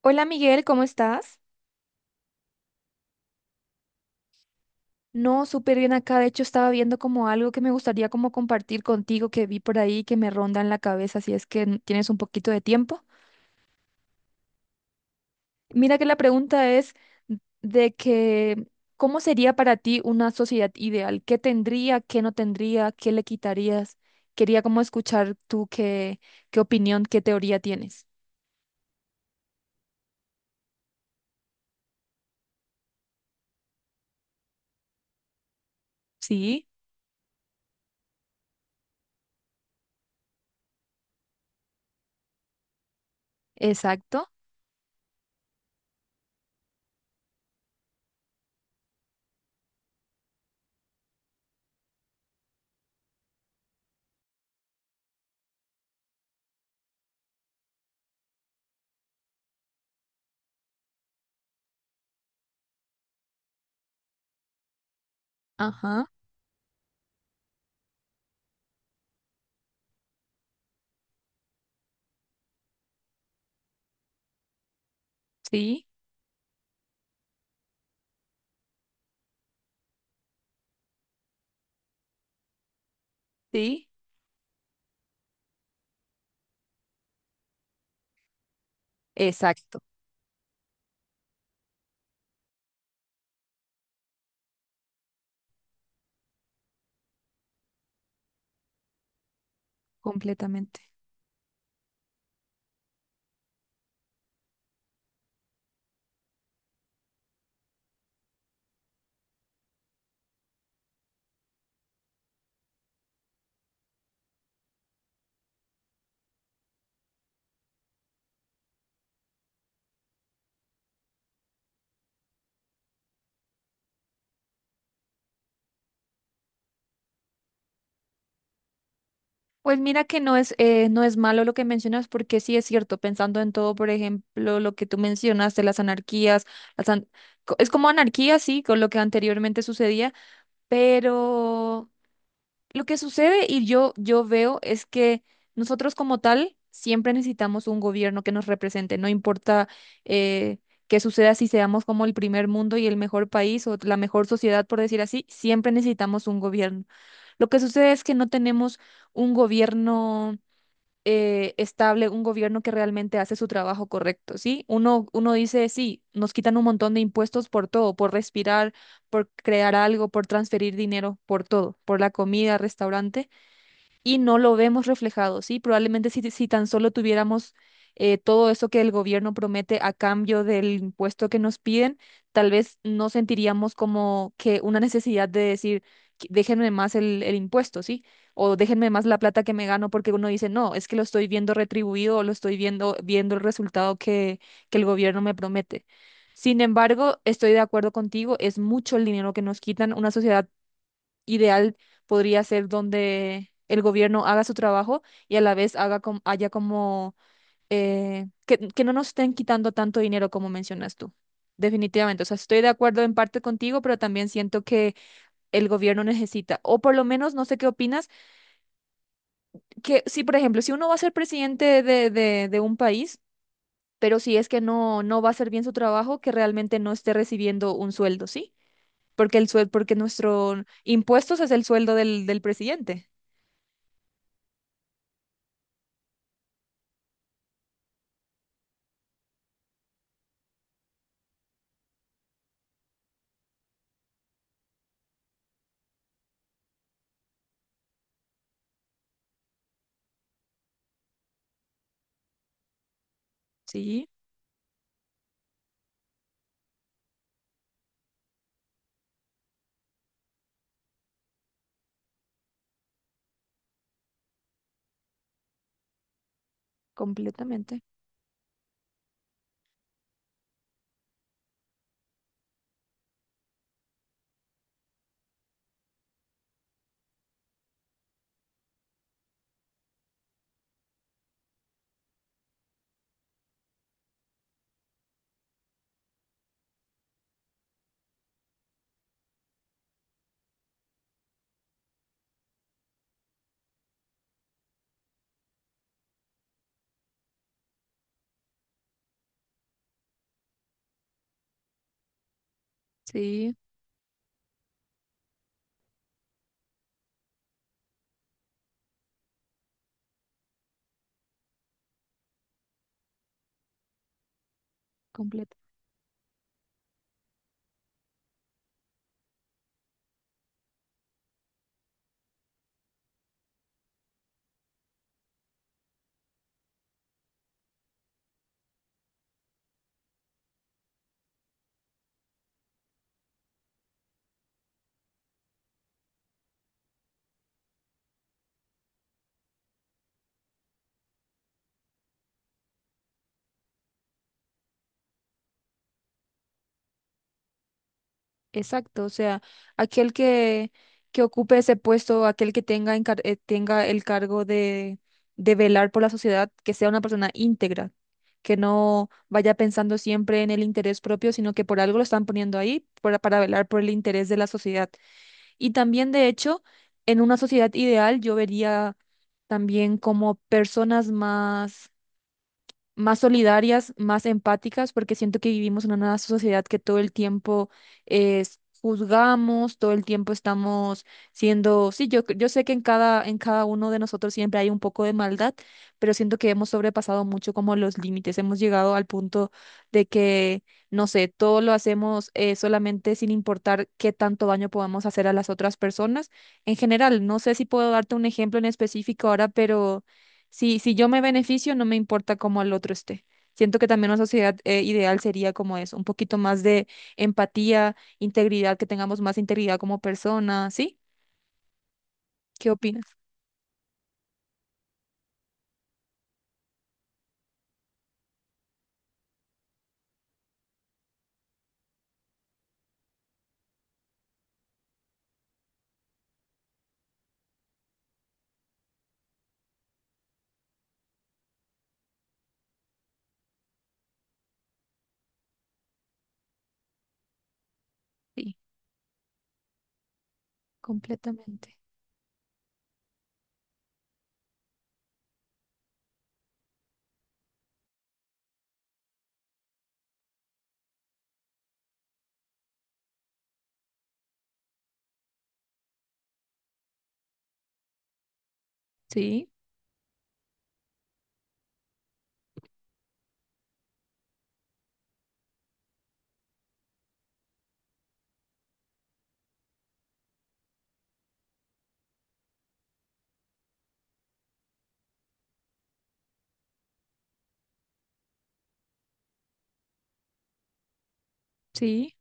Hola Miguel, ¿cómo estás? No, súper bien acá. De hecho, estaba viendo como algo que me gustaría como compartir contigo que vi por ahí que me ronda en la cabeza, si es que tienes un poquito de tiempo. Mira que la pregunta es de que, ¿cómo sería para ti una sociedad ideal? ¿Qué tendría, qué no tendría, qué le quitarías? Quería como escuchar tú qué, qué opinión, qué teoría tienes. Sí, exacto. Ajá, sí, sí, exacto, completamente. Pues mira que no es, no es malo lo que mencionas, porque sí es cierto, pensando en todo, por ejemplo, lo que tú mencionas de las anarquías, las an- es como anarquía, sí, con lo que anteriormente sucedía, pero lo que sucede y yo veo es que nosotros como tal siempre necesitamos un gobierno que nos represente, no importa eh, qué suceda si seamos como el primer mundo y el mejor país o la mejor sociedad, por decir así, siempre necesitamos un gobierno. Lo que sucede es que no tenemos un gobierno estable, un gobierno que realmente hace su trabajo correcto, ¿sí? Uno, uno dice, sí, nos quitan un montón de impuestos por todo, por respirar, por crear algo, por transferir dinero, por todo, por la comida, restaurante y no lo vemos reflejado, ¿sí? Probablemente si tan solo tuviéramos todo eso que el gobierno promete a cambio del impuesto que nos piden, tal vez no sentiríamos como que una necesidad de decir, Déjenme más el impuesto, ¿sí? O déjenme más la plata que me gano porque uno dice, no, es que lo estoy viendo retribuido o lo estoy viendo, viendo el resultado que el gobierno me promete. Sin embargo, estoy de acuerdo contigo, es mucho el dinero que nos quitan. Una sociedad ideal podría ser donde el gobierno haga su trabajo y a la vez haga haya como que no nos estén quitando tanto dinero como mencionas tú. Definitivamente, o sea, estoy de acuerdo en parte contigo, pero también siento que el gobierno necesita, o por lo menos, no sé qué opinas, que si, por ejemplo, si uno va a ser presidente de un país, pero si es que no, no va a hacer bien su trabajo, que realmente no esté recibiendo un sueldo, ¿sí? Porque el sueldo, porque nuestro impuestos es el sueldo del presidente. Sí, completamente. Sí, completo. Exacto. O sea, aquel que ocupe ese puesto, aquel que tenga, tenga el cargo de velar por la sociedad, que sea una persona íntegra, que no vaya pensando siempre en el interés propio, sino que por algo lo están poniendo ahí para velar por el interés de la sociedad. Y también, de hecho, en una sociedad ideal yo vería también como personas más solidarias, más empáticas, porque siento que vivimos en una sociedad que todo el tiempo es, juzgamos, todo el tiempo estamos siendo, sí, yo sé que en cada uno de nosotros siempre hay un poco de maldad, pero siento que hemos sobrepasado mucho como los límites, hemos llegado al punto de que, no sé, todo lo hacemos solamente sin importar qué tanto daño podamos hacer a las otras personas. En general, no sé si puedo darte un ejemplo en específico ahora, pero… Si, si yo me beneficio, no me importa cómo el otro esté. Siento que también una sociedad ideal sería como eso, un poquito más de empatía, integridad, que tengamos más integridad como personas, ¿sí? ¿Qué opinas? Sí, completamente. Sí, sí,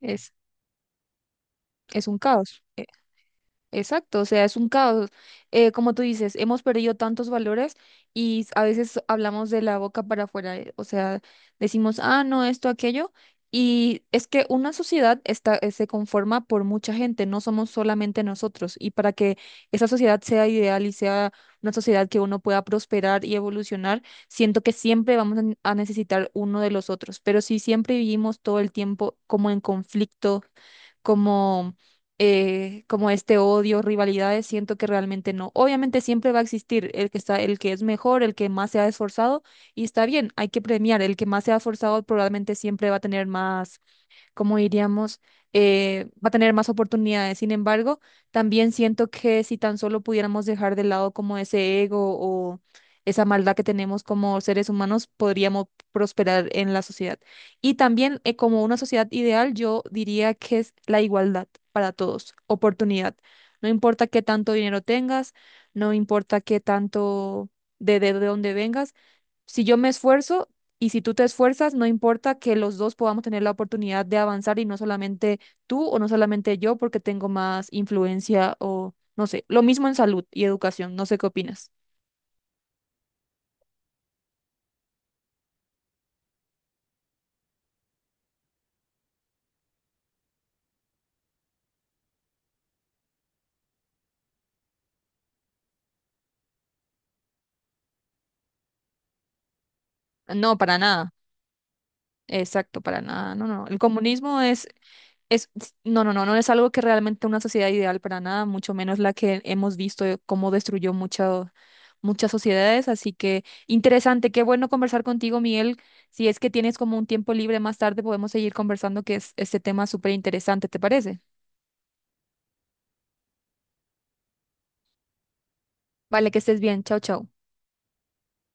es, es un caos. Exacto, o sea, es un caos. Como tú dices, hemos perdido tantos valores y a veces hablamos de la boca para afuera, o sea, decimos, ah, no, esto, aquello, y es que una sociedad está, se conforma por mucha gente, no somos solamente nosotros, y para que esa sociedad sea ideal y sea una sociedad que uno pueda prosperar y evolucionar, siento que siempre vamos a necesitar uno de los otros, pero si siempre vivimos todo el tiempo como en conflicto, como, como este odio, rivalidades, siento que realmente no. Obviamente siempre va a existir el que está, el que es mejor, el que más se ha esforzado, y está bien, hay que premiar. El que más se ha esforzado probablemente siempre va a tener más como diríamos, va a tener más oportunidades. Sin embargo, también siento que si tan solo pudiéramos dejar de lado como ese ego o esa maldad que tenemos como seres humanos, podríamos prosperar en la sociedad. Y también como una sociedad ideal, yo diría que es la igualdad para todos, oportunidad. No importa qué tanto dinero tengas, no importa qué tanto de dónde vengas. Si yo me esfuerzo y si tú te esfuerzas, no importa que los dos podamos tener la oportunidad de avanzar y no solamente tú o no solamente yo porque tengo más influencia o no sé, lo mismo en salud y educación, no sé qué opinas. No, para nada. Exacto, para nada. No, no. El comunismo es… Es, no, no, no, no es algo que realmente una sociedad ideal para nada, mucho menos la que hemos visto de cómo destruyó muchas sociedades. Así que interesante, qué bueno conversar contigo, Miguel. Si es que tienes como un tiempo libre más tarde, podemos seguir conversando, que es este tema súper interesante, ¿te parece? Vale, que estés bien. Chao, chao.